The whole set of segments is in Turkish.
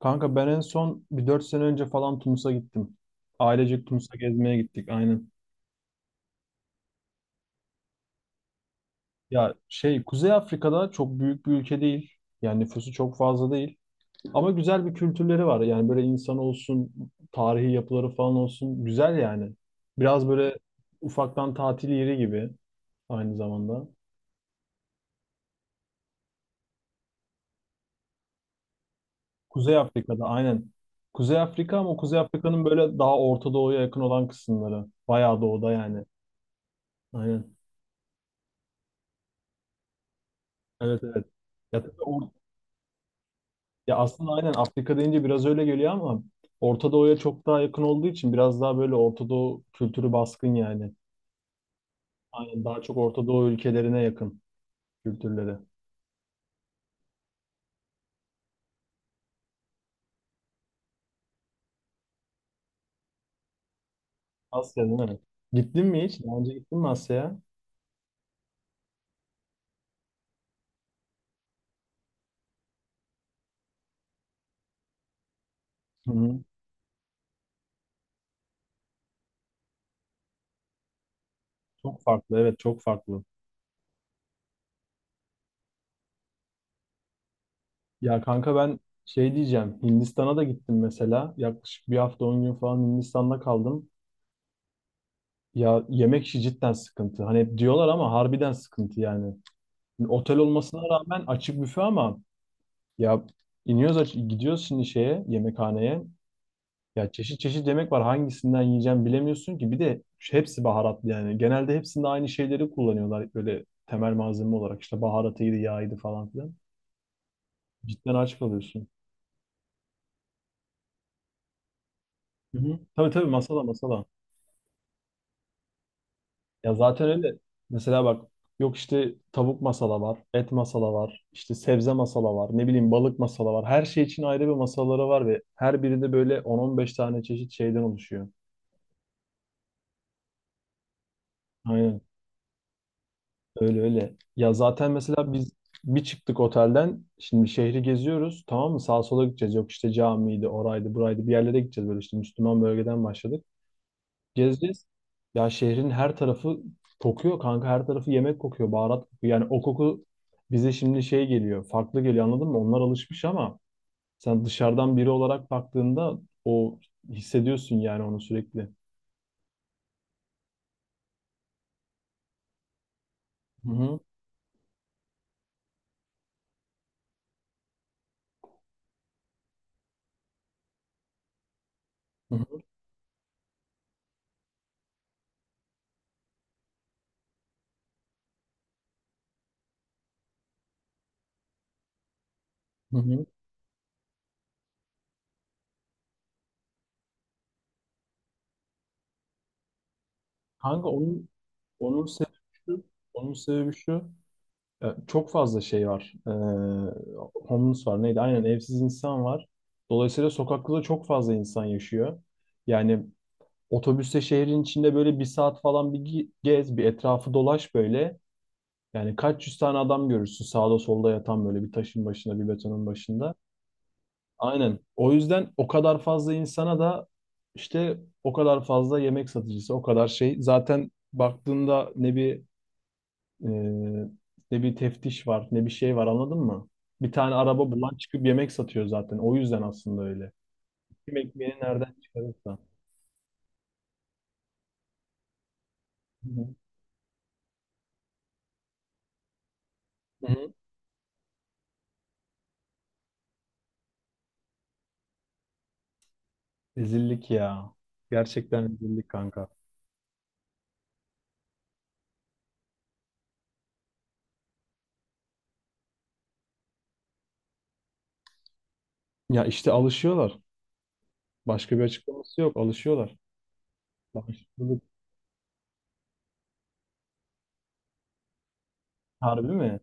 Kanka ben en son bir 4 sene önce falan Tunus'a gittim. Ailecek Tunus'a gezmeye gittik aynen. Ya şey Kuzey Afrika'da çok büyük bir ülke değil. Yani nüfusu çok fazla değil. Ama güzel bir kültürleri var. Yani böyle insan olsun, tarihi yapıları falan olsun. Güzel yani. Biraz böyle ufaktan tatil yeri gibi aynı zamanda. Kuzey Afrika'da aynen. Kuzey Afrika ama Kuzey Afrika'nın böyle daha Orta Doğu'ya yakın olan kısımları. Bayağı doğuda yani. Aynen. Evet evet. Ya tabii or- Ya aslında aynen Afrika deyince biraz öyle geliyor ama Orta Doğu'ya çok daha yakın olduğu için biraz daha böyle Orta Doğu kültürü baskın yani. Aynen daha çok Orta Doğu ülkelerine yakın kültürleri. Asya değil mi? Evet. Gittin mi hiç? Daha önce gittin mi Asya'ya? Hı hı. Çok farklı evet çok farklı. Ya kanka ben şey diyeceğim Hindistan'a da gittim mesela. Yaklaşık bir hafta 10 gün falan Hindistan'da kaldım. Ya yemek işi cidden sıkıntı. Hani hep diyorlar ama harbiden sıkıntı yani. Otel olmasına rağmen açık büfe ama ya iniyoruz aç gidiyoruz şimdi şeye yemekhaneye. Ya çeşit çeşit yemek var. Hangisinden yiyeceğim bilemiyorsun ki. Bir de hepsi baharatlı yani. Genelde hepsinde aynı şeyleri kullanıyorlar böyle temel malzeme olarak. İşte baharatıydı, yağıydı falan filan. Cidden aç kalıyorsun. Hı hı. Tabii tabii masala masala. Ya zaten öyle. Mesela bak yok işte tavuk masala var, et masala var, işte sebze masala var, ne bileyim balık masala var. Her şey için ayrı bir masaları var ve her birinde böyle on on beş tane çeşit şeyden oluşuyor. Aynen. Öyle öyle. Ya zaten mesela biz bir çıktık otelden. Şimdi şehri geziyoruz. Tamam mı? Sağa sola gideceğiz. Yok işte camiydi, oraydı, buraydı. Bir yerlere gideceğiz böyle işte Müslüman bölgeden başladık. Gezeceğiz. Ya şehrin her tarafı kokuyor kanka. Her tarafı yemek kokuyor, baharat kokuyor. Yani o koku bize şimdi şey geliyor. Farklı geliyor anladın mı? Onlar alışmış ama sen dışarıdan biri olarak baktığında o hissediyorsun yani onu sürekli. Hı hı, hı hı, hı hı. Kanka onun sebebi şu, şu. Ya, çok fazla şey var. Homeless var. Neydi? Aynen evsiz insan var. Dolayısıyla sokakta da çok fazla insan yaşıyor. Yani otobüste şehrin içinde böyle bir saat falan gez, bir etrafı dolaş böyle. Yani kaç yüz tane adam görürsün sağda solda yatan böyle bir taşın başında, bir betonun başında. Aynen. O yüzden o kadar fazla insana da işte o kadar fazla yemek satıcısı, o kadar şey. Zaten baktığında ne bir ee, ne bir teftiş var, ne bir şey var anladın mı? Bir tane araba bulan çıkıp yemek satıyor zaten. O yüzden aslında öyle. Kim ekmeğini nereden çıkarırsa. Hı hı. Hı hı. Rezillik ya. Gerçekten rezillik kanka. Ya işte alışıyorlar. Başka bir açıklaması yok. Alışıyorlar. Alışıklılık. Harbi mi?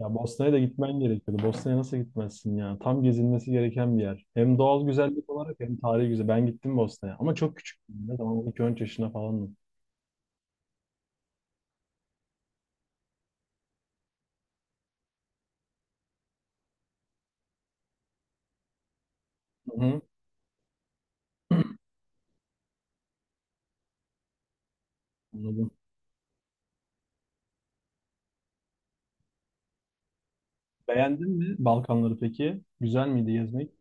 Ya Bosna'ya da gitmen gerekiyordu. Bosna'ya nasıl gitmezsin ya? Tam gezilmesi gereken bir yer. Hem doğal güzellik olarak hem tarihi güzel. Ben gittim Bosna'ya. Ama çok küçüktüm. Ne zaman 12-13 yaşına falandım. Hı hı. Anladım. Beğendin mi Balkanları peki? Güzel miydi gezmek?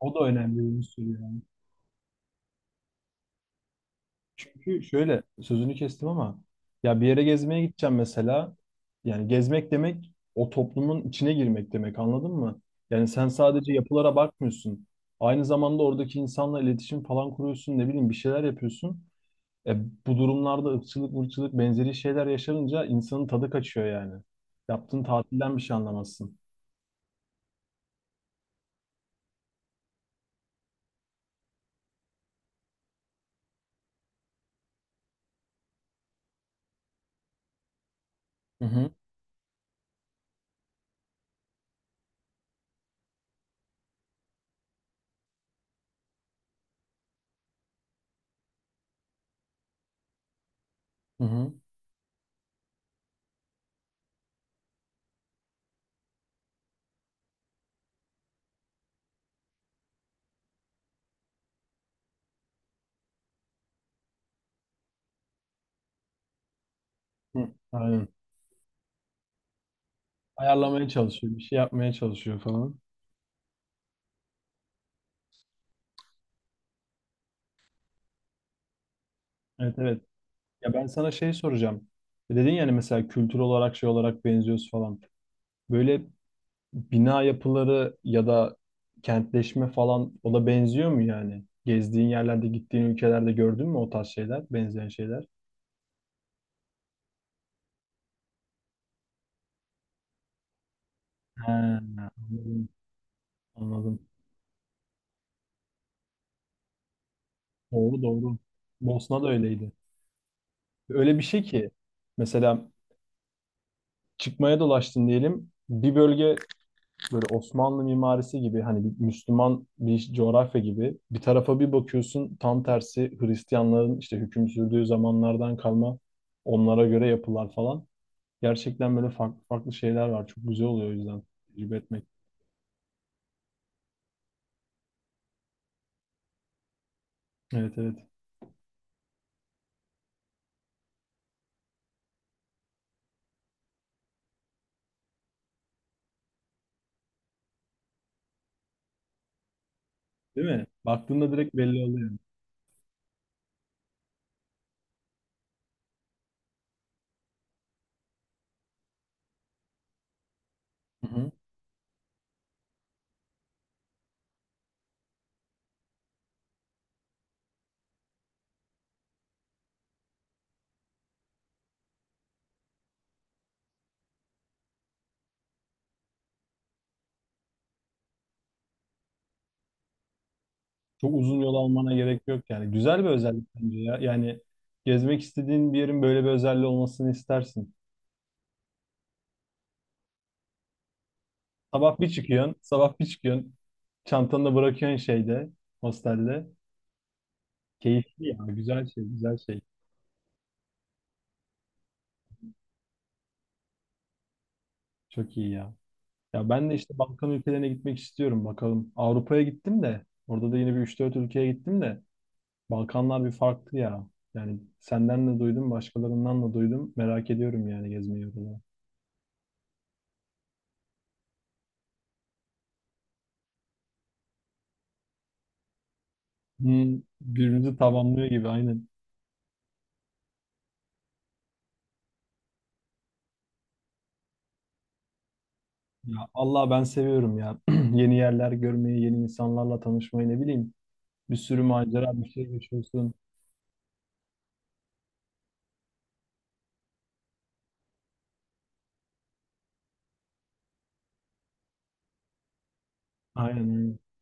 O da önemli bir unsur yani. Çünkü şöyle sözünü kestim ama ya bir yere gezmeye gideceğim mesela. Yani gezmek demek o toplumun içine girmek demek anladın mı? Yani sen sadece yapılara bakmıyorsun. Aynı zamanda oradaki insanla iletişim falan kuruyorsun ne bileyim bir şeyler yapıyorsun. E, Bu durumlarda ırkçılık, mırçılık benzeri şeyler yaşanınca insanın tadı kaçıyor yani. Yaptığın tatilden bir şey anlamazsın. Hı hı. Hı hı. Hı. Aynen. Ayarlamaya çalışıyor, bir şey yapmaya çalışıyor falan. Evet evet. Ya ben sana şey soracağım. Dedin yani mesela kültür olarak şey olarak benziyoruz falan. Böyle bina yapıları ya da kentleşme falan o da benziyor mu yani? Gezdiğin yerlerde, gittiğin ülkelerde gördün mü o tarz şeyler, benzeyen şeyler? He, anladım, anladım. Doğru doğru. Bosna da öyleydi. Öyle bir şey ki mesela çıkmaya dolaştın diyelim. Bir bölge böyle Osmanlı mimarisi gibi hani bir Müslüman bir coğrafya gibi bir tarafa bir bakıyorsun tam tersi Hristiyanların işte hüküm sürdüğü zamanlardan kalma onlara göre yapılar falan. Gerçekten böyle farklı farklı şeyler var. Çok güzel oluyor o yüzden tecrübe etmek. Evet evet. Değil mi? Baktığında direkt belli oluyor. Hı hı. Çok uzun yol almana gerek yok yani. Güzel bir özellik bence ya. Yani gezmek istediğin bir yerin böyle bir özelliği olmasını istersin. Sabah bir çıkıyorsun, sabah bir çıkıyorsun. Çantanı da bırakıyorsun şeyde, hostelde. Keyifli ya, güzel şey, güzel şey. Çok iyi ya. Ya ben de işte Balkan ülkelerine gitmek istiyorum bakalım. Avrupa'ya gittim de, orada da yine bir üç dört ülkeye gittim de. Balkanlar bir farklı ya. Yani senden de duydum, başkalarından da duydum. Merak ediyorum yani gezmeyi orada. Hmm, birbirimizi tamamlıyor gibi aynen. Ya Allah ben seviyorum ya. Yeni yerler görmeyi, yeni insanlarla tanışmayı ne bileyim. Bir sürü macera, bir şey yaşıyorsun. Aynen. Öyle.